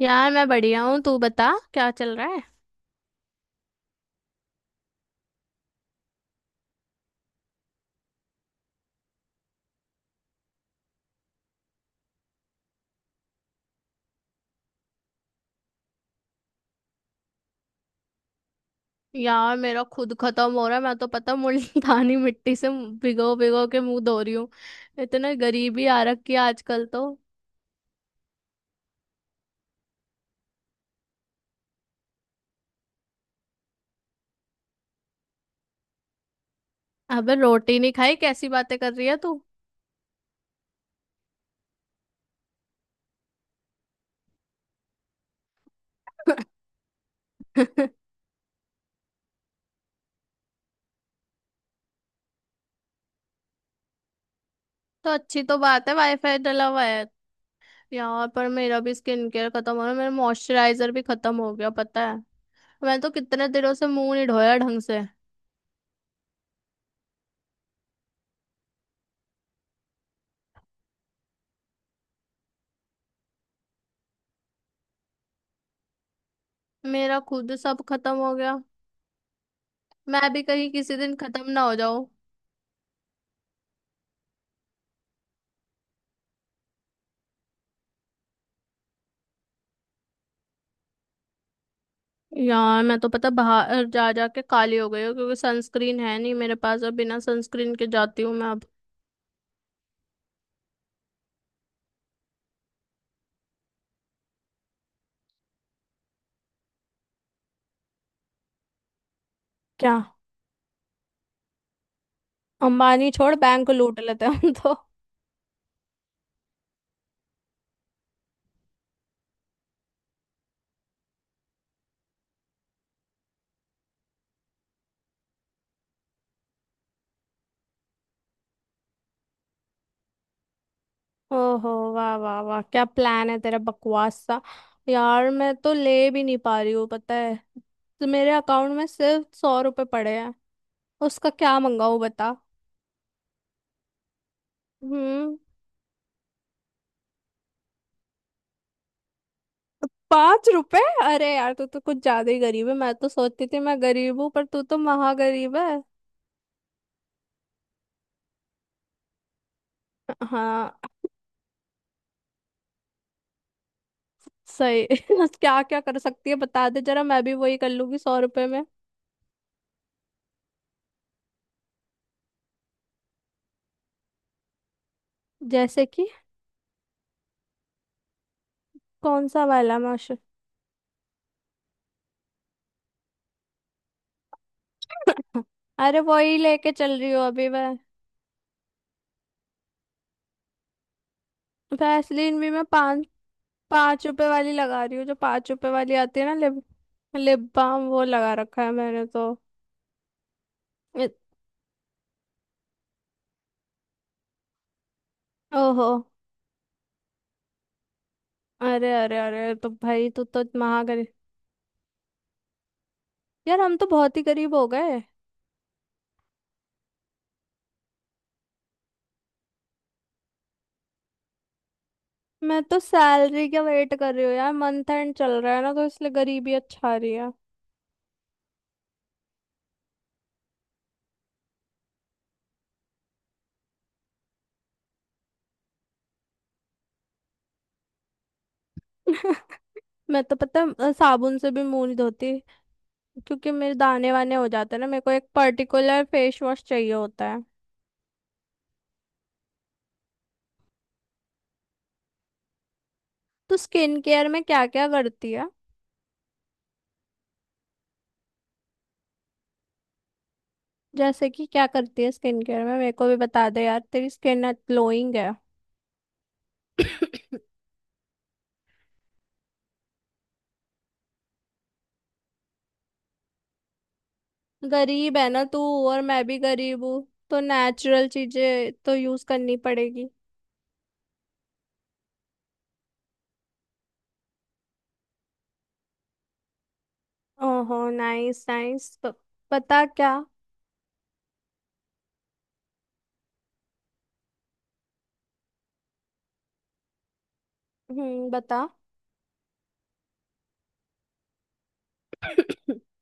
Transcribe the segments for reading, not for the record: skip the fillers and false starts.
यार मैं बढ़िया हूँ। तू बता क्या चल रहा है। यार मेरा खुद खत्म हो रहा है। मैं तो पता मुल्तानी मिट्टी से भिगो भिगो के मुंह धो रही हूँ। इतने गरीबी आ रखी है आजकल तो। अबे रोटी नहीं खाई कैसी बातें कर रही है तू। तो अच्छी तो बात है वाईफाई डला हुआ है। यार पर मेरा भी स्किन केयर खत्म हो रहा है। मेरा मॉइस्चराइजर भी खत्म हो गया पता है। मैं तो कितने दिनों से मुंह नहीं धोया ढंग से। मेरा खुद सब खत्म हो गया। मैं भी कहीं किसी दिन खत्म ना हो जाऊं। यार मैं तो पता बाहर जा जा के काली हो गई हूँ क्योंकि सनस्क्रीन है नहीं मेरे पास। अब बिना सनस्क्रीन के जाती हूँ मैं अब। क्या? अंबानी छोड़ बैंक को लूट लेते हैं हम तो। ओहो वाह वाह वाह क्या प्लान है तेरा बकवास सा। यार मैं तो ले भी नहीं पा रही हूँ पता है। तो मेरे अकाउंट में सिर्फ 100 रुपए पड़े हैं। उसका क्या मंगाऊँ बता। हम्म। 5 रुपए। अरे यार तू तो कुछ ज्यादा ही गरीब है। मैं तो सोचती थी मैं गरीब हूँ पर तू तो महागरीब है। हाँ। सही। क्या क्या कर सकती है बता दे जरा। मैं भी वही कर लूंगी 100 रुपए में। जैसे कि? कौन सा वाला मास्टर? अरे वही लेके चल रही हूँ अभी मैं। वैसलीन भी मैं 5-5 रुपए वाली लगा रही हूँ। जो पाँच रुपए वाली आती है ना लिप लिप बाम वो लगा रखा है मैंने तो। इत- ओहो। अरे अरे अरे तो भाई तू तो महागरीब। यार हम तो बहुत ही गरीब हो गए। मैं तो सैलरी का वेट कर रही हूँ यार। मंथ एंड चल रहा है ना तो इसलिए गरीबी अच्छा रही है। मैं तो पता है, साबुन से भी मुंह नहीं धोती क्योंकि मेरे दाने वाने हो जाते हैं ना। मेरे को एक पर्टिकुलर फेस वॉश चाहिए होता है। तो स्किन केयर में क्या क्या करती है? जैसे कि क्या करती है स्किन केयर में? मेरे को भी बता दे यार तेरी स्किन ग्लोइंग है। गरीब है ना तू। और मैं भी गरीब हूँ तो नेचुरल चीजें तो यूज करनी पड़ेगी। ओहो नाइस नाइस। पता क्या। बता।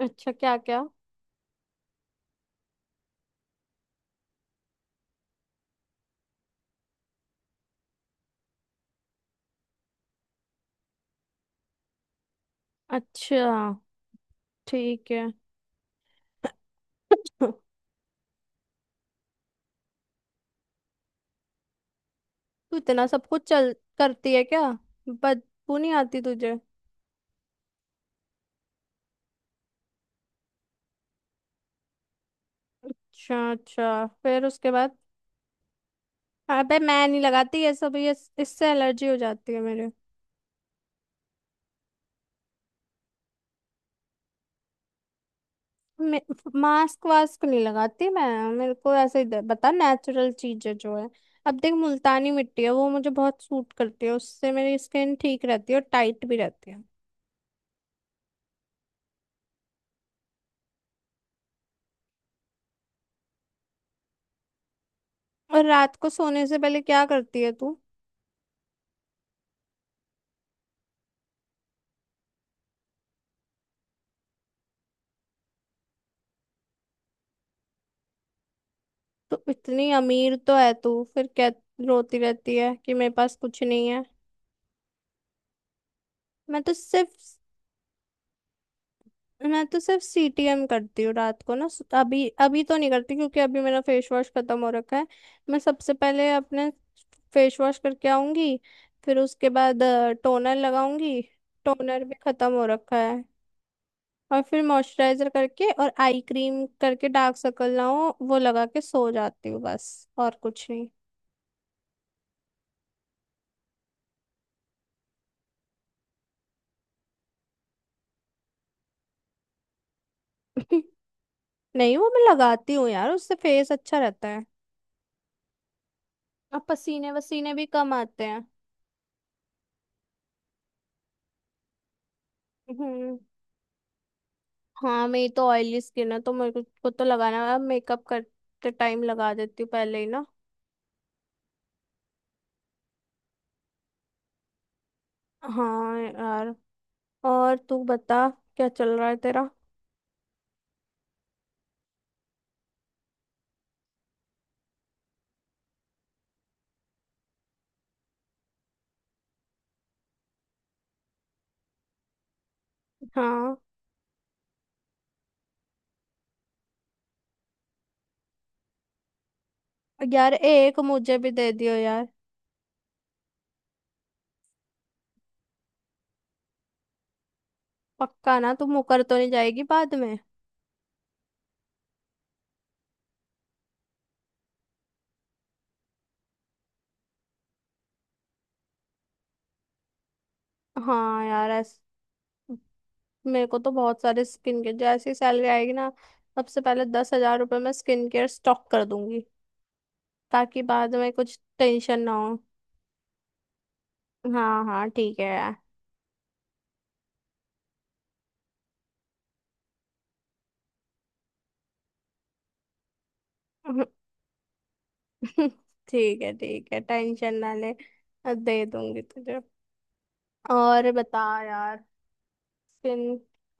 अच्छा क्या क्या। अच्छा ठीक है। तू इतना सब कुछ चल करती है क्या? बदबू नहीं आती तुझे? अच्छा अच्छा फिर उसके बाद? अबे मैं नहीं लगाती ये सब ये। इससे एलर्जी हो जाती है मेरे। मे, मास्क वास्क नहीं लगाती मैं। मेरे को ऐसे ही बता नेचुरल चीजें जो है। अब देख मुल्तानी मिट्टी है वो मुझे बहुत सूट करती है। उससे मेरी स्किन ठीक रहती है और टाइट भी रहती है। और रात को सोने से पहले क्या करती है तू? तो इतनी अमीर तो है तू फिर क्या रोती रहती है कि मेरे पास कुछ नहीं है? मैं तो सिर्फ मैं तो सिर्फ सीटीएम करती हूँ रात को ना। अभी अभी तो नहीं करती क्योंकि अभी मेरा फेस वॉश खत्म हो रखा है। मैं सबसे पहले अपने फेस वॉश करके आऊंगी। फिर उसके बाद टोनर लगाऊंगी। टोनर भी खत्म हो रखा है। और फिर मॉइस्चराइजर करके और आई क्रीम करके डार्क सर्कल ना हो वो लगा के सो जाती हूँ बस। और कुछ नहीं। नहीं वो मैं लगाती हूँ यार उससे फेस अच्छा रहता है। और पसीने वसीने भी कम आते हैं। हम्म। हाँ मेरी तो ऑयली स्किन है तो मेरे को तो लगाना है। मेकअप करते टाइम लगा देती हूँ पहले ही ना। हाँ यार। और तू बता क्या चल रहा है तेरा। हाँ यार एक मुझे भी दे दियो यार। पक्का ना तू मुकर तो नहीं जाएगी बाद में? हाँ यार ऐस। मेरे को तो बहुत सारे स्किन केयर जैसी सैलरी आएगी ना। सबसे पहले 10,000 रुपये मैं स्किन केयर स्टॉक कर दूंगी ताकि बाद में कुछ टेंशन ना हो। हाँ हाँ ठीक है यार। ठीक है टेंशन ना ले। दे दूंगी तुझे। और बता यार स्किन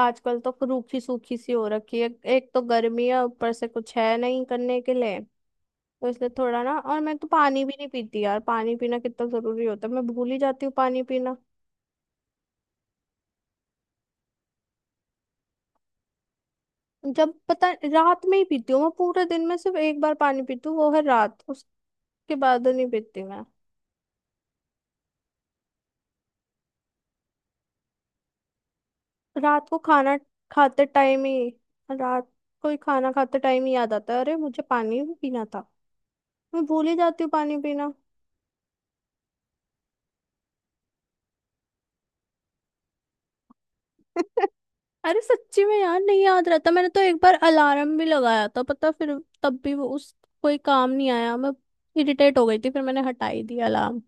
आजकल तो रूखी सूखी सी हो रखी है। एक तो गर्मी है ऊपर से कुछ है नहीं करने के लिए। तो इसलिए थोड़ा ना। और मैं तो पानी भी नहीं पीती यार। पानी पीना कितना जरूरी होता है मैं भूल ही जाती हूँ पानी पीना। जब पता रात में ही पीती हूँ। मैं पूरे दिन में सिर्फ एक बार पानी पीती हूँ वो है रात। उसके बाद नहीं पीती। रात को खाना खाते टाइम ही रात को ही खाना खाते टाइम ही याद आता है अरे मुझे पानी भी पीना था। मैं भूल ही जाती हूँ पानी पीना। अरे सच्ची में यार नहीं याद रहता। मैंने तो एक बार अलार्म भी लगाया था पता फिर तब भी वो उस कोई काम नहीं आया। मैं इरिटेट हो गई थी फिर मैंने हटा ही दिया अलार्म।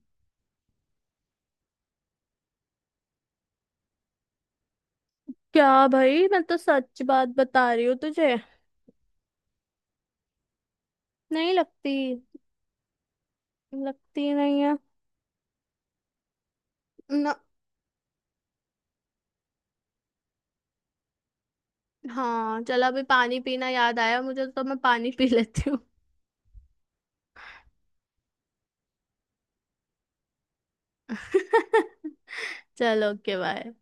क्या भाई मैं तो सच बात बता रही हूँ तुझे। नहीं लगती। लगती नहीं है। ना। हाँ चल अभी पानी पीना याद आया मुझे तो मैं पानी पी लेती हूँ। चलो ओके बाय।